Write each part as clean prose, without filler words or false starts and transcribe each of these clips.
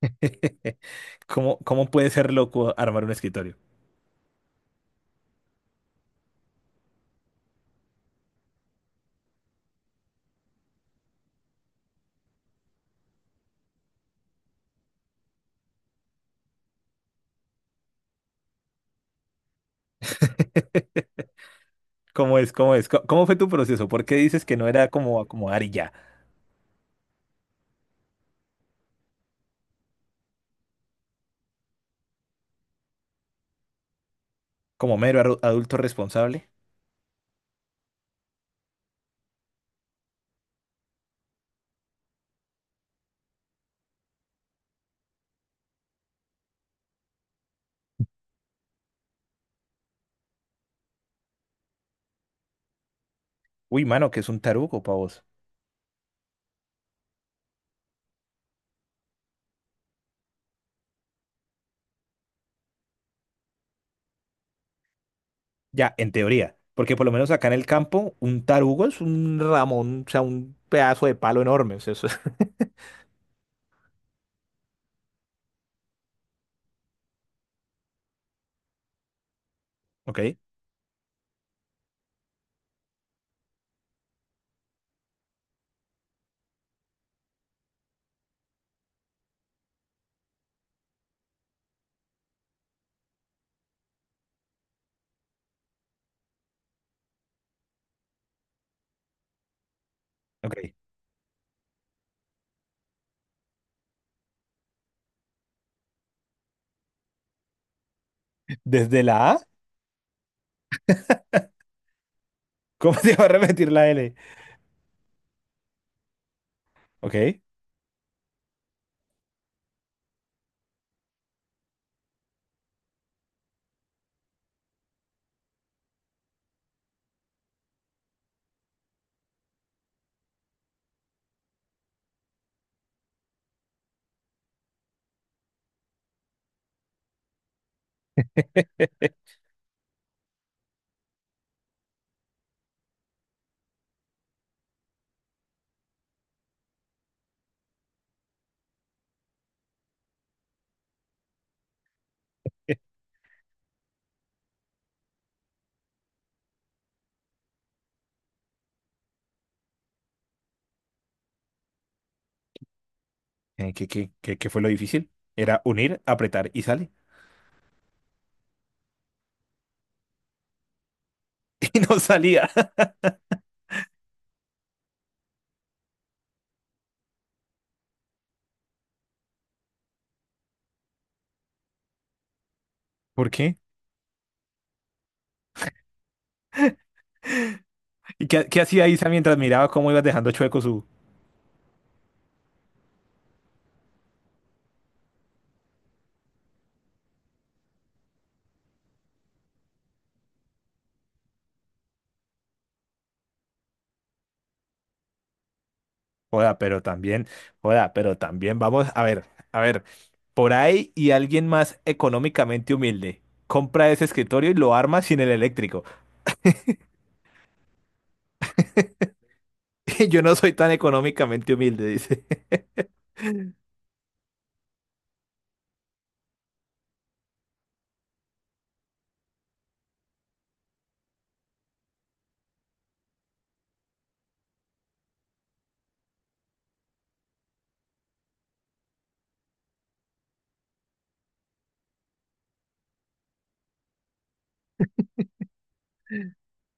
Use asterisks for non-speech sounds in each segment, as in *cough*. *laughs* ¿Cómo puede ser loco armar un escritorio? ¿Cómo es? ¿Cómo es? ¿Cómo fue tu proceso? ¿Por qué dices que no era como acomodar y ya? Como mero adulto responsable. Uy, mano, ¿que es un tarugo para vos? Ya, en teoría. Porque por lo menos acá en el campo, un tarugo es un ramón, o sea, un pedazo de palo enorme. O sea, *laughs* Ok, ok. ¿Desde la A? ¿Cómo se va a repetir la L? Ok. *laughs* ¿Qué fue lo difícil? Era unir, apretar y sale. *laughs* Y no salía. ¿Por qué? Y qué hacía Isa mientras miraba cómo ibas dejando chueco su... Joda, pero también, joda, pero también vamos a ver, por ahí y alguien más económicamente humilde compra ese escritorio y lo arma sin el eléctrico. *laughs* Yo no soy tan económicamente humilde, dice. *laughs*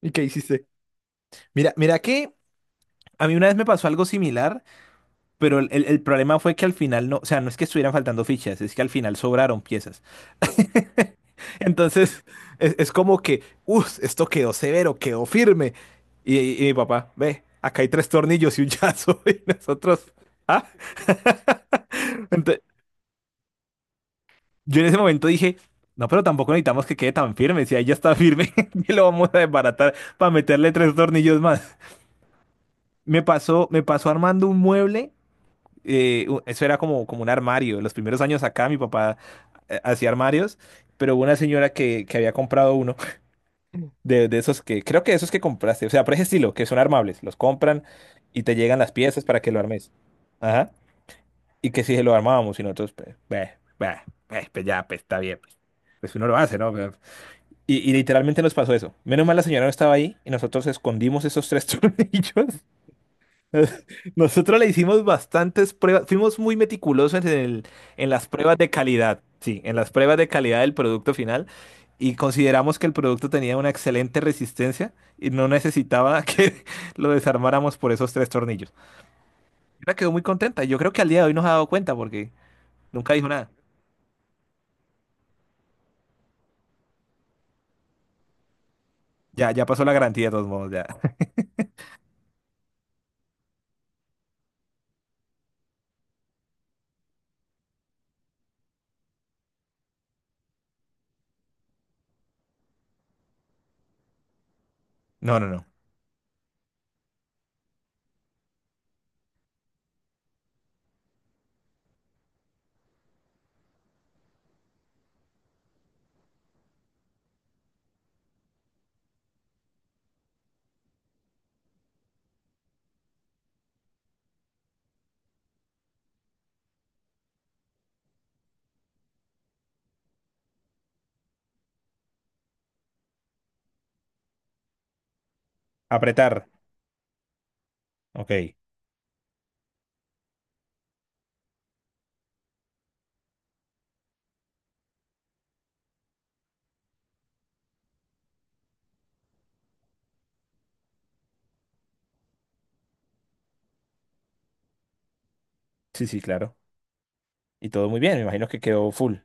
¿Y qué hiciste? Mira, mira que a mí una vez me pasó algo similar. Pero el problema fue que al final no, o sea, no es que estuvieran faltando fichas, es que al final sobraron piezas. *laughs* Entonces, es como que, uff, esto quedó severo, quedó firme. Y mi papá, ve, acá hay tres tornillos y un llazo. *laughs* Y nosotros, ah, Ente- yo en ese momento dije, no, pero tampoco necesitamos que quede tan firme. Si ahí ya está firme, *laughs* que lo vamos a desbaratar para meterle tres tornillos más. Me pasó armando un mueble eso era como, como un armario. Los primeros años acá mi papá hacía armarios, pero hubo una señora que había comprado uno de esos que, creo que esos que compraste, o sea, por ese estilo, que son armables, los compran y te llegan las piezas para que lo armes. Ajá. Y que si se lo armábamos y nosotros, pues, beh, beh, beh, pues ya, pues está bien, pues, pues uno lo hace, ¿no? Pero, y literalmente nos pasó eso. Menos mal la señora no estaba ahí y nosotros escondimos esos tres *laughs* tornillos. *laughs* Nosotros le hicimos bastantes pruebas, fuimos muy meticulosos en el, en las pruebas de calidad, sí, en las pruebas de calidad del producto final y consideramos que el producto tenía una excelente resistencia y no necesitaba *laughs* que lo desarmáramos por esos tres tornillos. Ella quedó muy contenta, yo creo que al día de hoy nos ha dado cuenta porque nunca dijo nada. Ya, ya pasó la garantía de todos modos, ya. *laughs* No, no, no. Apretar. Ok. Sí, sí, claro. Y todo muy bien, me imagino que quedó full.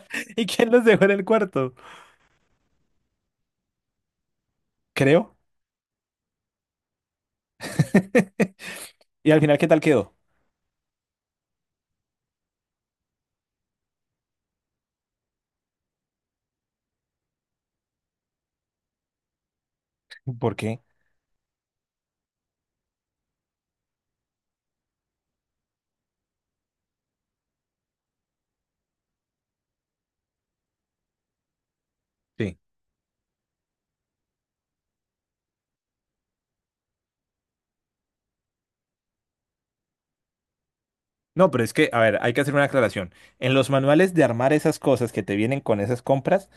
*laughs* ¿Y quién los dejó en el cuarto? Creo. *laughs* ¿Y al final qué tal quedó? ¿Por qué? Sí. No, pero es que, a ver, hay que hacer una aclaración. En los manuales de armar esas cosas que te vienen con esas compras,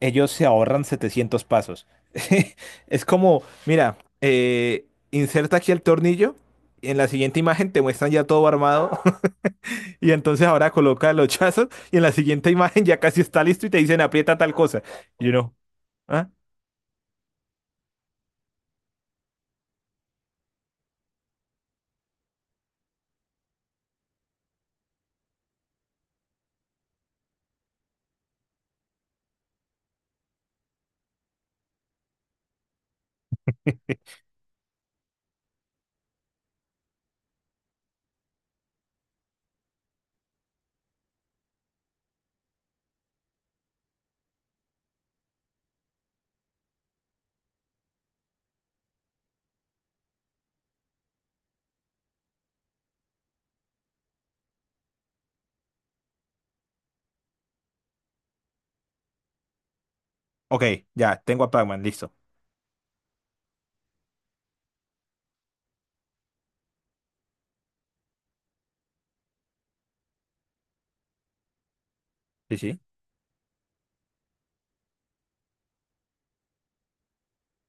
ellos se ahorran 700 pasos. *laughs* Es como, mira, inserta aquí el tornillo, y en la siguiente imagen te muestran ya todo armado, *laughs* y entonces ahora coloca los chazos, y en la siguiente imagen ya casi está listo y te dicen aprieta tal cosa. Y uno, ¿ah? Ok, ya, tengo a Pac-Man, listo. Sí, sí.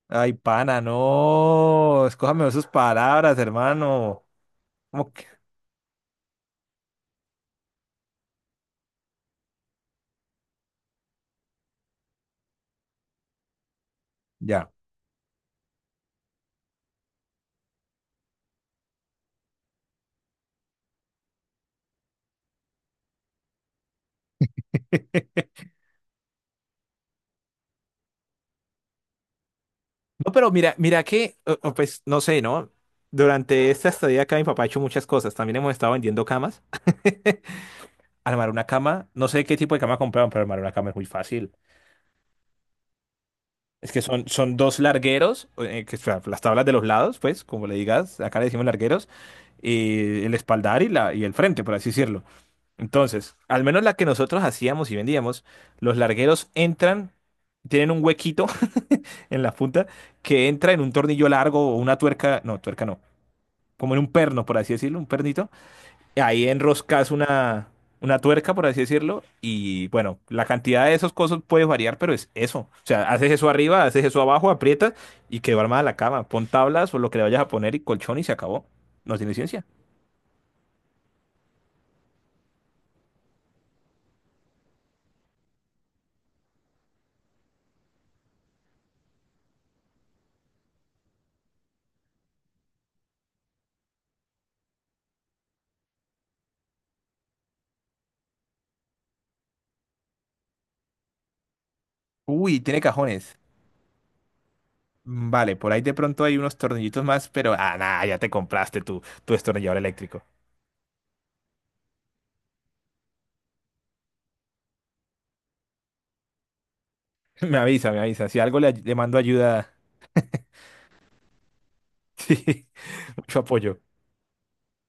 Ay, pana, no. Escójame sus palabras, hermano. ¿Cómo que? Ya. No, pero mira, mira que, o pues no sé, ¿no? Durante esta estadía acá mi papá ha hecho muchas cosas. También hemos estado vendiendo camas. *laughs* Armar una cama, no sé qué tipo de cama compraron, pero armar una cama es muy fácil. Es que son, son dos largueros, que, o sea, las tablas de los lados, pues, como le digas, acá le decimos largueros, y el espaldar y, la, y el frente, por así decirlo. Entonces, al menos la que nosotros hacíamos y vendíamos, los largueros entran, tienen un huequito *laughs* en la punta que entra en un tornillo largo o una tuerca no, como en un perno, por así decirlo, un pernito. Ahí enroscas una tuerca, por así decirlo, y bueno, la cantidad de esos cosas puede variar, pero es eso. O sea, haces eso arriba, haces eso abajo, aprietas y quedó armada la cama. Pon tablas o lo que le vayas a poner y colchón y se acabó. No tiene ciencia. Uy, tiene cajones. Mm, vale, por ahí de pronto hay unos tornillitos más, pero ah, nada, ya te compraste tu, tu destornillador eléctrico. *laughs* Me avisa, me avisa. Si algo le mando ayuda, *laughs* sí, mucho apoyo.